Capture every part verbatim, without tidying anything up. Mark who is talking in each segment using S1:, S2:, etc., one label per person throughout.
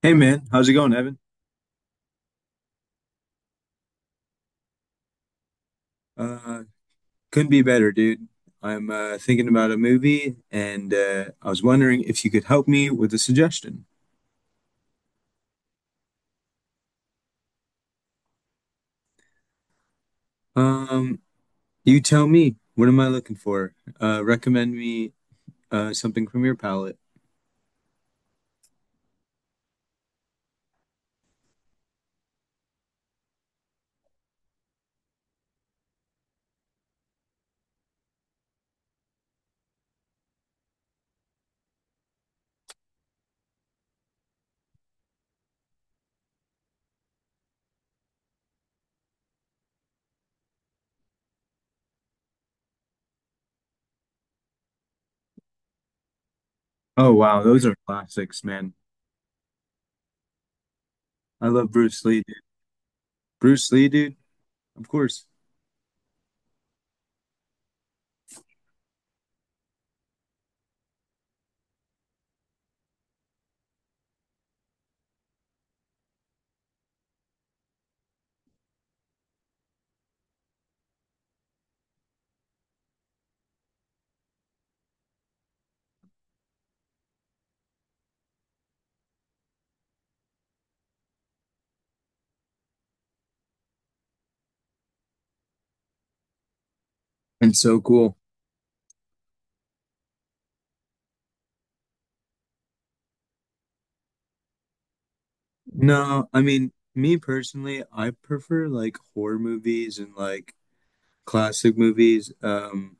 S1: Hey man, how's it going, Evan? Uh, couldn't be better, dude. I'm uh, thinking about a movie, and uh, I was wondering if you could help me with a suggestion. Um, you tell me, what am I looking for? Uh, recommend me uh, something from your palette. Oh wow, those are classics, man. I love Bruce Lee, dude. Bruce Lee, dude, of course. And so cool. No, I mean, me personally, I prefer like horror movies and like classic movies. Um,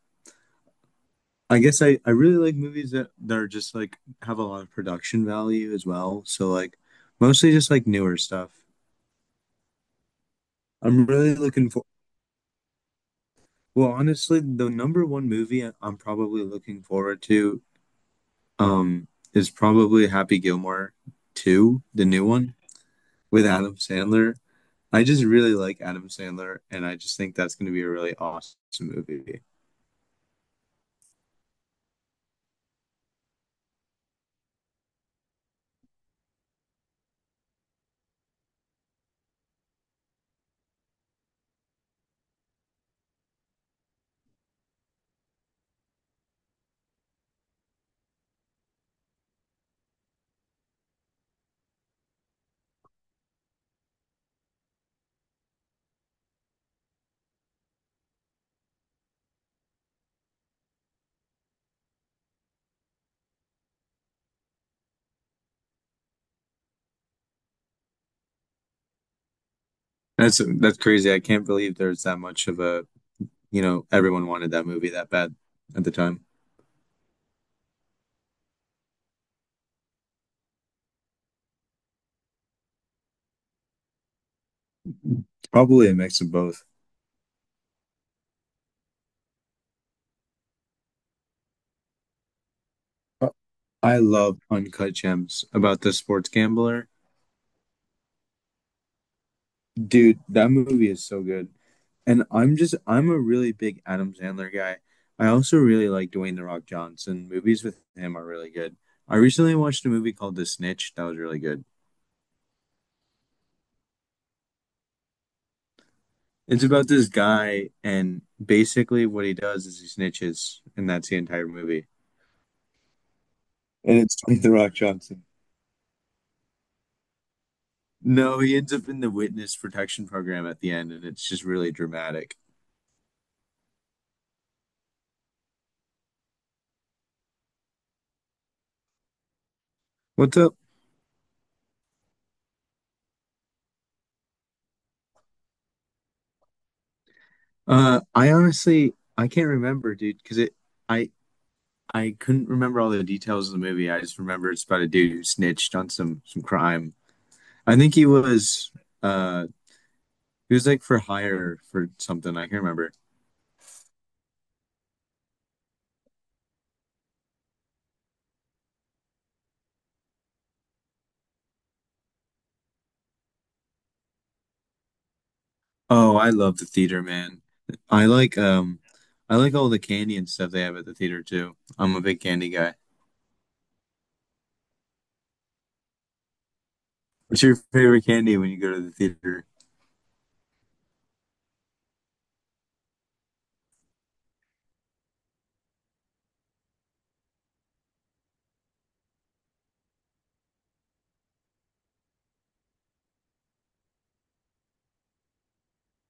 S1: I guess I, I really like movies that, that are just like have a lot of production value as well. So like mostly just like newer stuff. I'm really looking for, well, honestly, the number one movie I- I'm probably looking forward to um is probably Happy Gilmore two, the new one with Adam Sandler. I just really like Adam Sandler and I just think that's going to be a really awesome movie. That's that's crazy. I can't believe there's that much of a, you know, everyone wanted that movie that bad at the time. Probably a mix of both. Uh, I love Uncut Gems about the sports gambler. Dude, that movie is so good. And I'm just I'm a really big Adam Sandler guy. I also really like Dwayne The Rock Johnson. Movies with him are really good. I recently watched a movie called The Snitch. That was really good. It's about this guy and basically what he does is he snitches and that's the entire movie. And it's Dwayne The Rock Johnson. No, he ends up in the witness protection program at the end and it's just really dramatic. What's up? Uh, I honestly I can't remember, dude, because it I I couldn't remember all the details of the movie. I just remember it's about a dude who snitched on some some crime. I think he was uh he was like for hire for something. I can't remember. Oh, I love the theater, man. I like um I like all the candy and stuff they have at the theater too. I'm a big candy guy. What's your favorite candy when you go to the theater?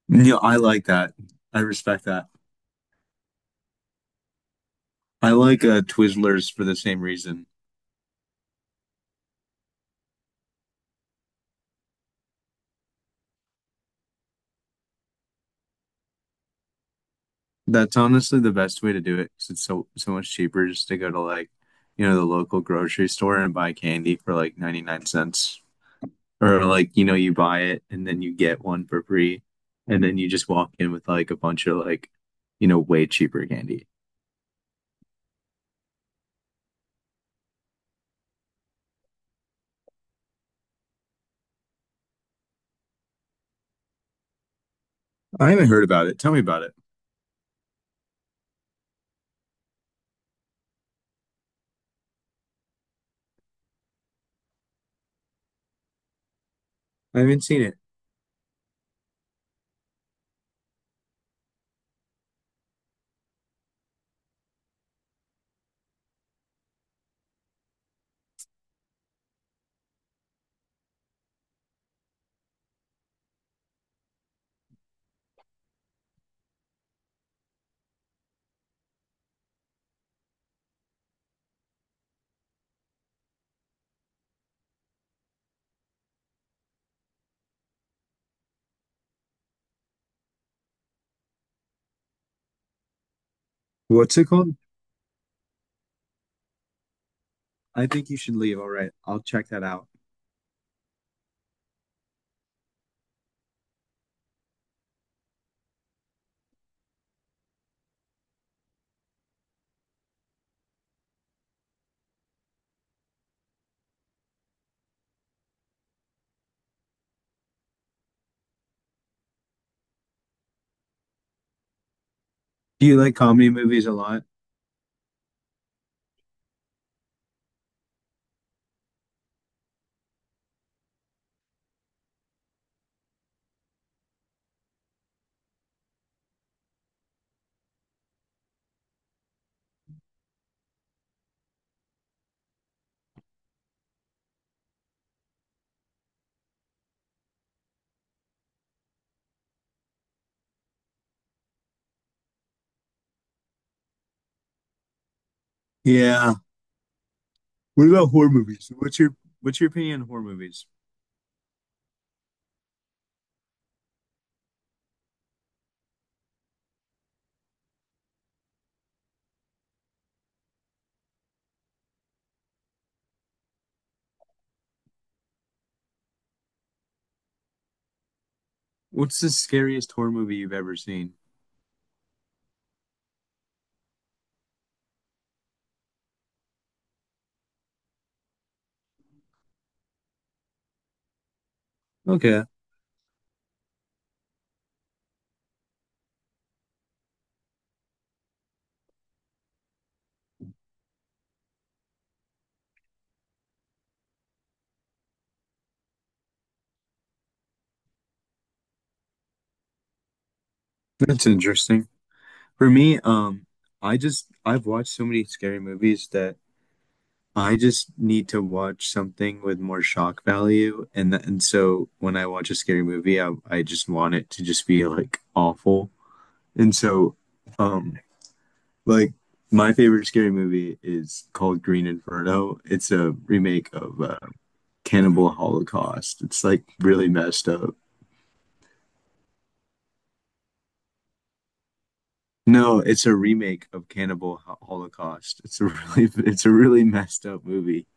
S1: You I like that. I respect that. I like uh Twizzlers for the same reason. That's honestly the best way to do it because it's so so much cheaper just to go to like, you know, the local grocery store and buy candy for like ninety-nine cents. Or like, you know, you buy it and then you get one for free and then you just walk in with like a bunch of like, you know, way cheaper candy. I haven't heard about it. Tell me about it. I haven't seen it. What's it called? I think you should leave. All right, I'll check that out. Do you like comedy movies a lot? Yeah. What about horror movies? What's your what's your opinion on horror movies? What's the scariest horror movie you've ever seen? Okay, that's interesting. For me, um, I just I've watched so many scary movies that I just need to watch something with more shock value, and th and so when I watch a scary movie, I I just want it to just be like awful, and so. Um, Like my favorite scary movie is called Green Inferno. It's a remake of uh, Cannibal Holocaust. It's like really messed up. No, it's a remake of Cannibal Ho- Holocaust. It's a really it's a really messed up movie.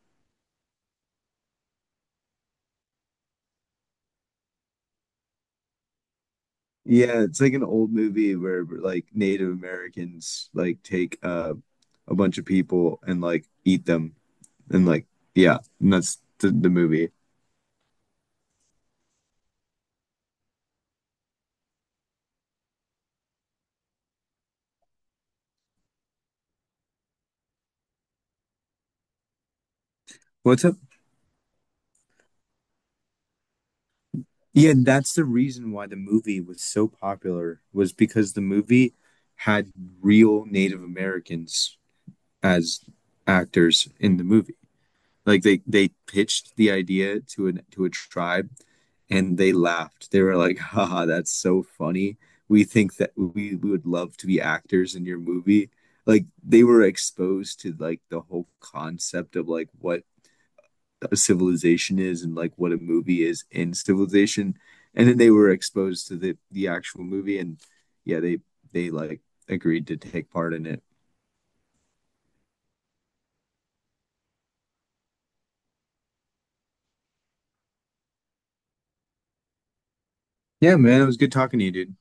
S1: Yeah, it's like an old movie where like Native Americans like take uh, a bunch of people and like eat them and like yeah, and that's the, the movie. What's up? Yeah, and that's the reason why the movie was so popular was because the movie had real Native Americans as actors in the movie. Like they they pitched the idea to an to a tribe and they laughed. They were like, "Haha, that's so funny. We think that we, we would love to be actors in your movie." Like they were exposed to like the whole concept of like what a civilization is and like what a movie is in civilization and then they were exposed to the the actual movie and yeah they they like agreed to take part in it. Yeah man, it was good talking to you, dude.